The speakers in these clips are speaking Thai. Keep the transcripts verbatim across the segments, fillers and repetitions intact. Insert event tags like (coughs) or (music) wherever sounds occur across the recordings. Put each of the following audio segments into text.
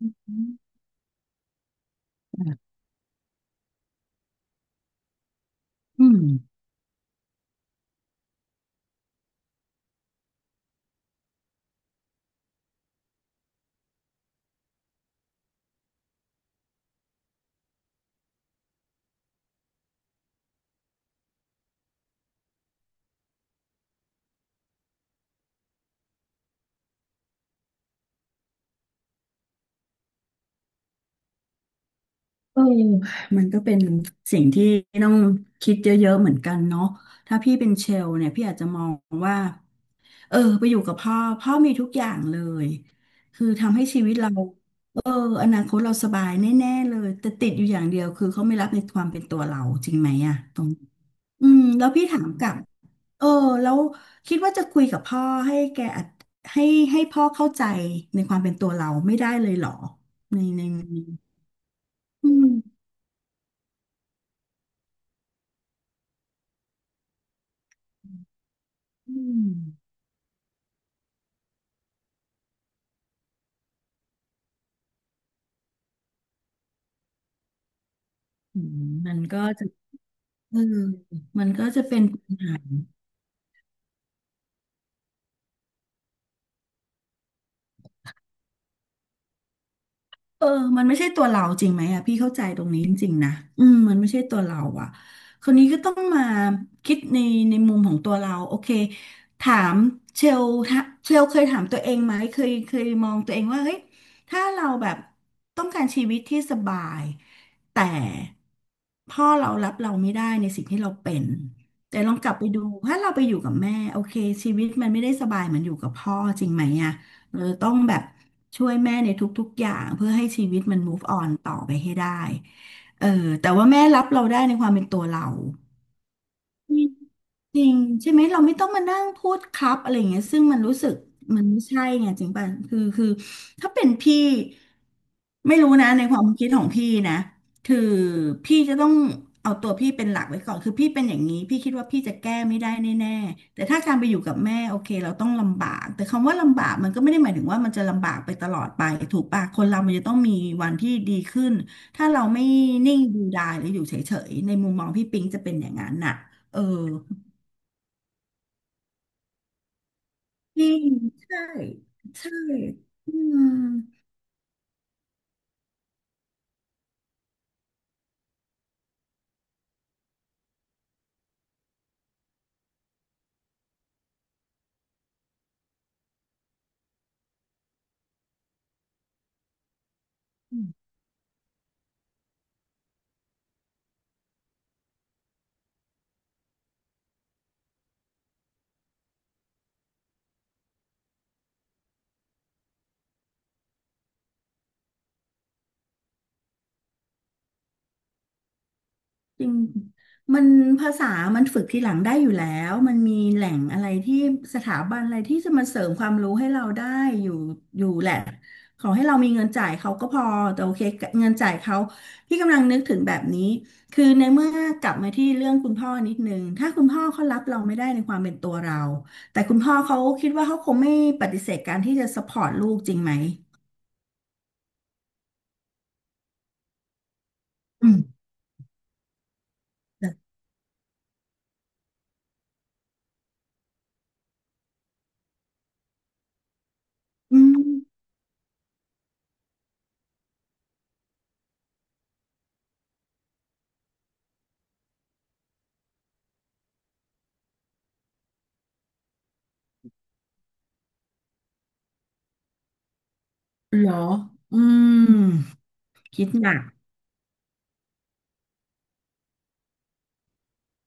อืมเออมันก็เป็นสิ่งที่ต้องคิดเยอะๆเหมือนกันเนาะถ้าพี่เป็นเชลเนี่ยพี่อาจจะมองว่าเออไปอยู่กับพ่อพ่อมีทุกอย่างเลยคือทำให้ชีวิตเราเอออนาคตเราสบายแน่ๆเลยแต่ติดอยู่อย่างเดียวคือเขาไม่รับในความเป็นตัวเราจริงไหมอะตรงอืมแล้วพี่ถามกลับเออแล้วคิดว่าจะคุยกับพ่อให้แกอัดให้ให้พ่อเข้าใจในความเป็นตัวเราไม่ได้เลยเหรอในใน อืมอืมอืมมันก็จะเออมันก็จะเป็นปัญหา เออมันไม่ใช่ตัวเราจริงไหมอะพี่เข้าใจตรงนี้จริงๆนะอืมมันไม่ใช่ตัวเราอะคนนี้ก็ต้องมาคิดในในมุมของตัวเราโอเคถามเชลถ้าเชลเคยถามตัวเองไหมเคยเคยมองตัวเองว่าเฮ้ยถ้าเราแบบต้องการชีวิตที่สบายแต่พ่อเรารับเราไม่ได้ในสิ่งที่เราเป็นแต่ลองกลับไปดูถ้าเราไปอยู่กับแม่โอเคชีวิตมันไม่ได้สบายเหมือนอยู่กับพ่อจริงไหมอะเราจะต้องแบบ ช่วยแม่ในทุกๆอย่างเพื่อให้ชีวิตมัน move on ต่อไปให้ได้เออแต่ว่าแม่รับเราได้ในความเป็นตัวเรา จริงใช่ไหมเราไม่ต้องมานั่งพูดครับอะไรอย่างเงี้ยซึ่งมันรู้สึกมันไม่ใช่ไงจริงป่ะคือคือถ้าเป็นพี่ไม่รู้นะในความคิดของพี่นะคือพี่จะต้องเอาตัวพี่เป็นหลักไว้ก่อนคือพี่เป็นอย่างนี้พี่คิดว่าพี่จะแก้ไม่ได้แน่ๆแต่ถ้าการไปอยู่กับแม่โอเคเราต้องลำบากแต่คำว่าลำบากมันก็ไม่ได้หมายถึงว่ามันจะลำบากไปตลอดไปถูกป่ะคนเรามันจะต้องมีวันที่ดีขึ้นถ้าเราไม่นิ่งดูดายหรืออยู่เฉยๆในมุมมองพี่ปิงจะเป็นอย่างนั้นน่ะเออ จริงใช่ใช่อืมจริงมันภาษามันฝึกทีหลังได้อยู่แล้วมันมีแหล่งอะไรที่สถาบันอะไรที่จะมาเสริมความรู้ให้เราได้อยู่อยู่แหละขอให้เรามีเงินจ่ายเขาก็พอแต่โอเคเงินจ่ายเขาพี่กำลังนึกถึงแบบนี้คือในเมื่อกลับมาที่เรื่องคุณพ่อนิดนึงถ้าคุณพ่อเขารับเราไม่ได้ในความเป็นตัวเราแต่คุณพ่อเขาคิดว่าเขาคงไม่ปฏิเสธการที่จะ support ลูกจริงไหมอืมอืม เหรออืมคิดหนัก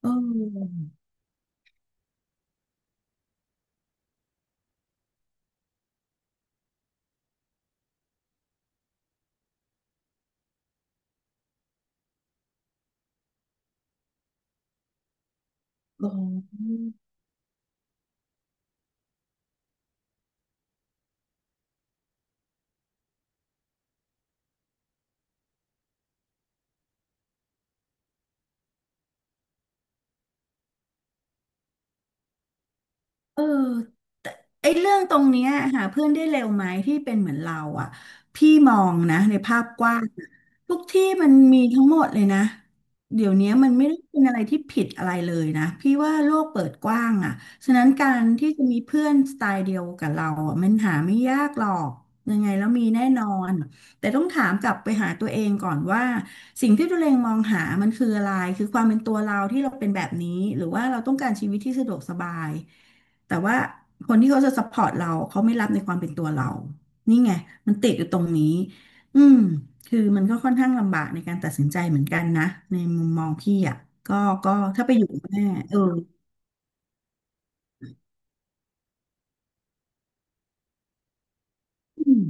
เออเออเออ ไอ้เรื่องตรงเนี้ยหาเพื่อนได้เร็วไหมที่เป็นเหมือนเราอ่ะพี่มองนะในภาพกว้างอะทุกที่มันมีทั้งหมดเลยนะเดี๋ยวเนี้ยมันไม่ได้เป็นอะไรที่ผิดอะไรเลยนะพี่ว่าโลกเปิดกว้างอ่ะฉะนั้นการที่จะมีเพื่อนสไตล์เดียวกับเราอ่ะมันหาไม่ยากหรอกยังไงแล้วมีแน่นอนแต่ต้องถามกลับไปหาตัวเองก่อนว่าสิ่งที่ตัวเองมองหามันคืออะไรคือความเป็นตัวเราที่เราเป็นแบบนี้หรือว่าเราต้องการชีวิตที่สะดวกสบาย แต่ว่าคนที่เขาจะซัพพอร์ตเราเขาไม่รับในความเป็นตัวเรา นี่ไงมันติดอยู่ตรงนี้ อืมคือมันก็ค่อนข้างลำบากในการตัดสินใจเหมือนกันนะในมุมมองพี่อ่ะก็ก็ถ้าไปอยู่กับแม่เอออืม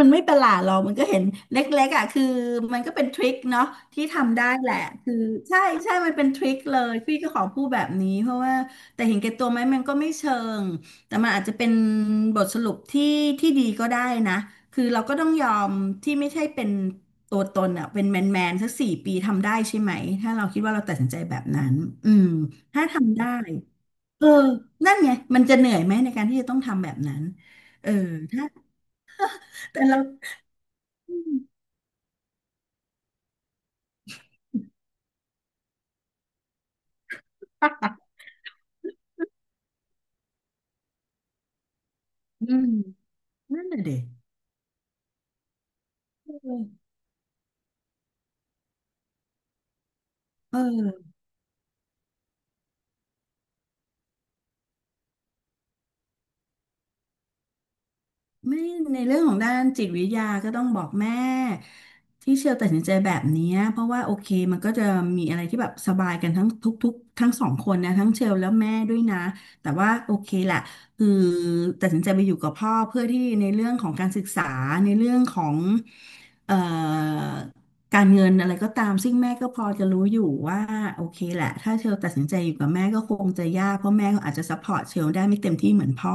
มันไม่ประหลาดหรอกมันก็เห็นเล็กๆอ่ะคือมันก็เป็นทริคเนาะที่ทำได้แหละคือใช่ใช่มันเป็นทริคเลยพี่ก็ขอพูดแบบนี้เพราะว่าแต่เห็นแก่ตัวไหมมันก็ไม่เชิงแต่มันอาจจะเป็นบทสรุปที่ที่ดีก็ได้นะคือเราก็ต้องยอมที่ไม่ใช่เป็นตัวตนอ่ะเป็นแมนแมนสักสี่ปีทำได้ใช่ไหมถ้าเราคิดว่าเราตัดสินใจแบบนั้นอืมถ้าทำได้เออนั่นไงมันจะเหนื่อยไหมในการที่จะต้องทำแบบนั้นเออถ้าแต่เราอืม นั่นน่ะดิเออเออ ไม่ในเรื่องของด้านจิตวิทยาก็ต้องบอกแม่ที่เชลตัดสินใจแบบเนี้ยเพราะว่าโอเคมันก็จะมีอะไรที่แบบสบายกันทั้งทุกๆทั้งสองคนนะทั้งเชลแล้วแม่ด้วยนะแต่ว่าโอเคแหละคือตัดสินใจไปอยู่กับพ่อเพื่อที่ในเรื่องของการศึกษาในเรื่องของเอ่อการเงินอะไรก็ตามซึ่งแม่ก็พอจะรู้อยู่ว่าโอเคแหละถ้าเชลตัดสินใจอยู่กับแม่ก็คงจะยากเพราะแม่ก็อาจจะซัพพอร์ตเชลได้ไม่เต็มที่เหมือนพ่อ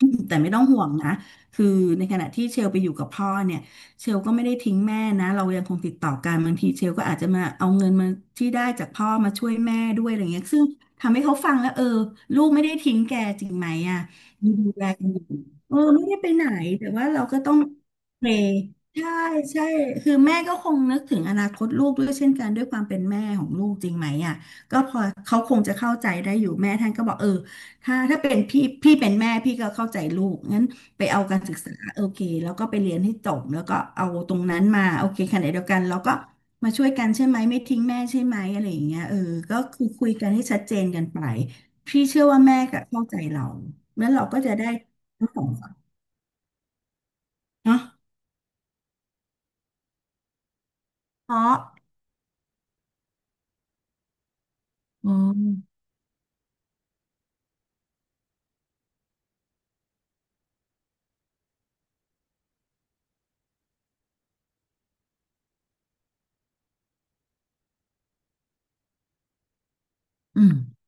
(coughs) แต่ไม่ต้องห่วงนะ คือในขณะที่เชลไปอยู่กับพ่อเนี่ยเชลก็ไม่ได้ทิ้งแม่นะเรายังคงติดต่อกันบางทีเชลก็อาจจะมาเอาเงินมาที่ได้จากพ่อมาช่วยแม่ด้วยอะไรเงี้ยซึ่งทำให้เขาฟังแล้วเออลูกไม่ได้ทิ้งแกจริงไหมอ่ะยังดูแลกันอยู่เออไม่ได้ไปไหนแต่ว่าเราก็ต้องเพลย์ใช่ใช่คือแม่ก็คงนึกถึงอนาคตลูกด้วยเช่นกันด้วยความเป็นแม่ของลูกจริงไหมอ่ะก็พอเขาคงจะเข้าใจได้อยู่แม่ท่านก็บอกเออถ้าถ้าเป็นพี่พี่เป็นแม่พี่ก็เข้าใจลูกงั้น ไปเอาการศึกษาโอเคแล้วก็ไปเรียนให้จบแล้วก็เอาตรงนั้นมาโอเคขณะเดียวกันเราก็มาช่วยกันใช่ไหมไม่ทิ้งแม่ใช่ไหมอะไรอย่างเงี้ยเออก็คือคุยกันให้ชัดเจนกันไปพี่เชื่อว่าแม่ก็เข้าใจเราแล้วเราก็จะได้ทั้งสองฝ่ายเนาะเพราะอ๋ออืม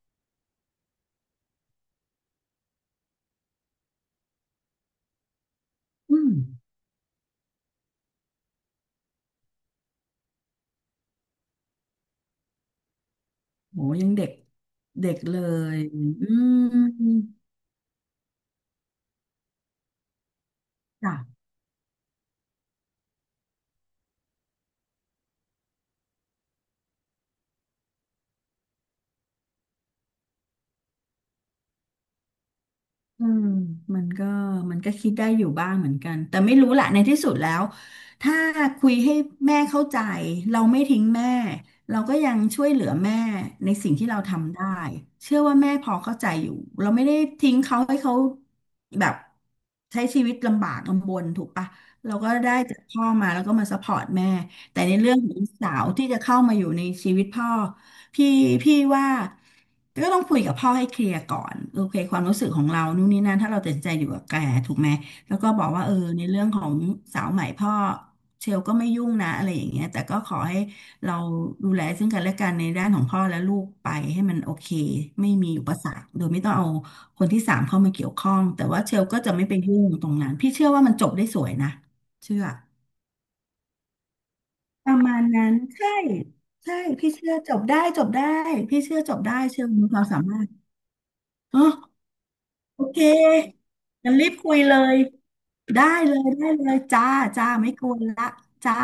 อืมโหยังเด็กเด็กเลยอืมจ้ะ อืมมันก็มันก็คิดได้อยู่บ้างเหมือนกันแต่ไม่รู้แหละในที่สุดแล้วถ้าคุยให้แม่เข้าใจเราไม่ทิ้งแม่เราก็ยังช่วยเหลือแม่ในสิ่งที่เราทำได้เชื่อว่าแม่พอเข้าใจอยู่เราไม่ได้ทิ้งเขาให้เขาแบบใช้ชีวิตลำบากลำบนถูกปะเราก็ได้จากพ่อมาแล้วก็มาซัพพอร์ตแม่ แต่ในเรื่องของลูกสาวที่จะเข้ามาอยู่ในชีวิตพ่อพี่พี่ว่าก็ต้องคุยกับพ่อให้เคลียร์ก่อนโอเคความรู้สึกของเรานู่นนี่นั่นถ้าเราตัดสินใจอยู่กับแกถูกไหมแล้วก็บอกว่าเออในเรื่องของสาวใหม่พ่อเชลก็ไม่ยุ่งนะอะไรอย่างเงี้ยแต่ก็ขอให้เราดูแลซึ่งกันและกันในด้านของพ่อและลูกไปให้มันโอเคไม่มีอุปสรรคโดยไม่ต้องเอาคนที่สามเข้ามาเกี่ยวข้องแต่ว่าเชลก็จะไม่ไปยุ่งตรงนั้นพี่เชื่อว่ามันจบได้สวยนะเชื่อ ประมาณนั้นใช่ใช่พี่เชื่อจบได้จบได้พี่เชื่อจบได้เชื่อมีความสามารถอ๋อโอเคงั้นรีบคุยเลยได้เลยได้เลยจ้าจ้าไม่กวนละจ้า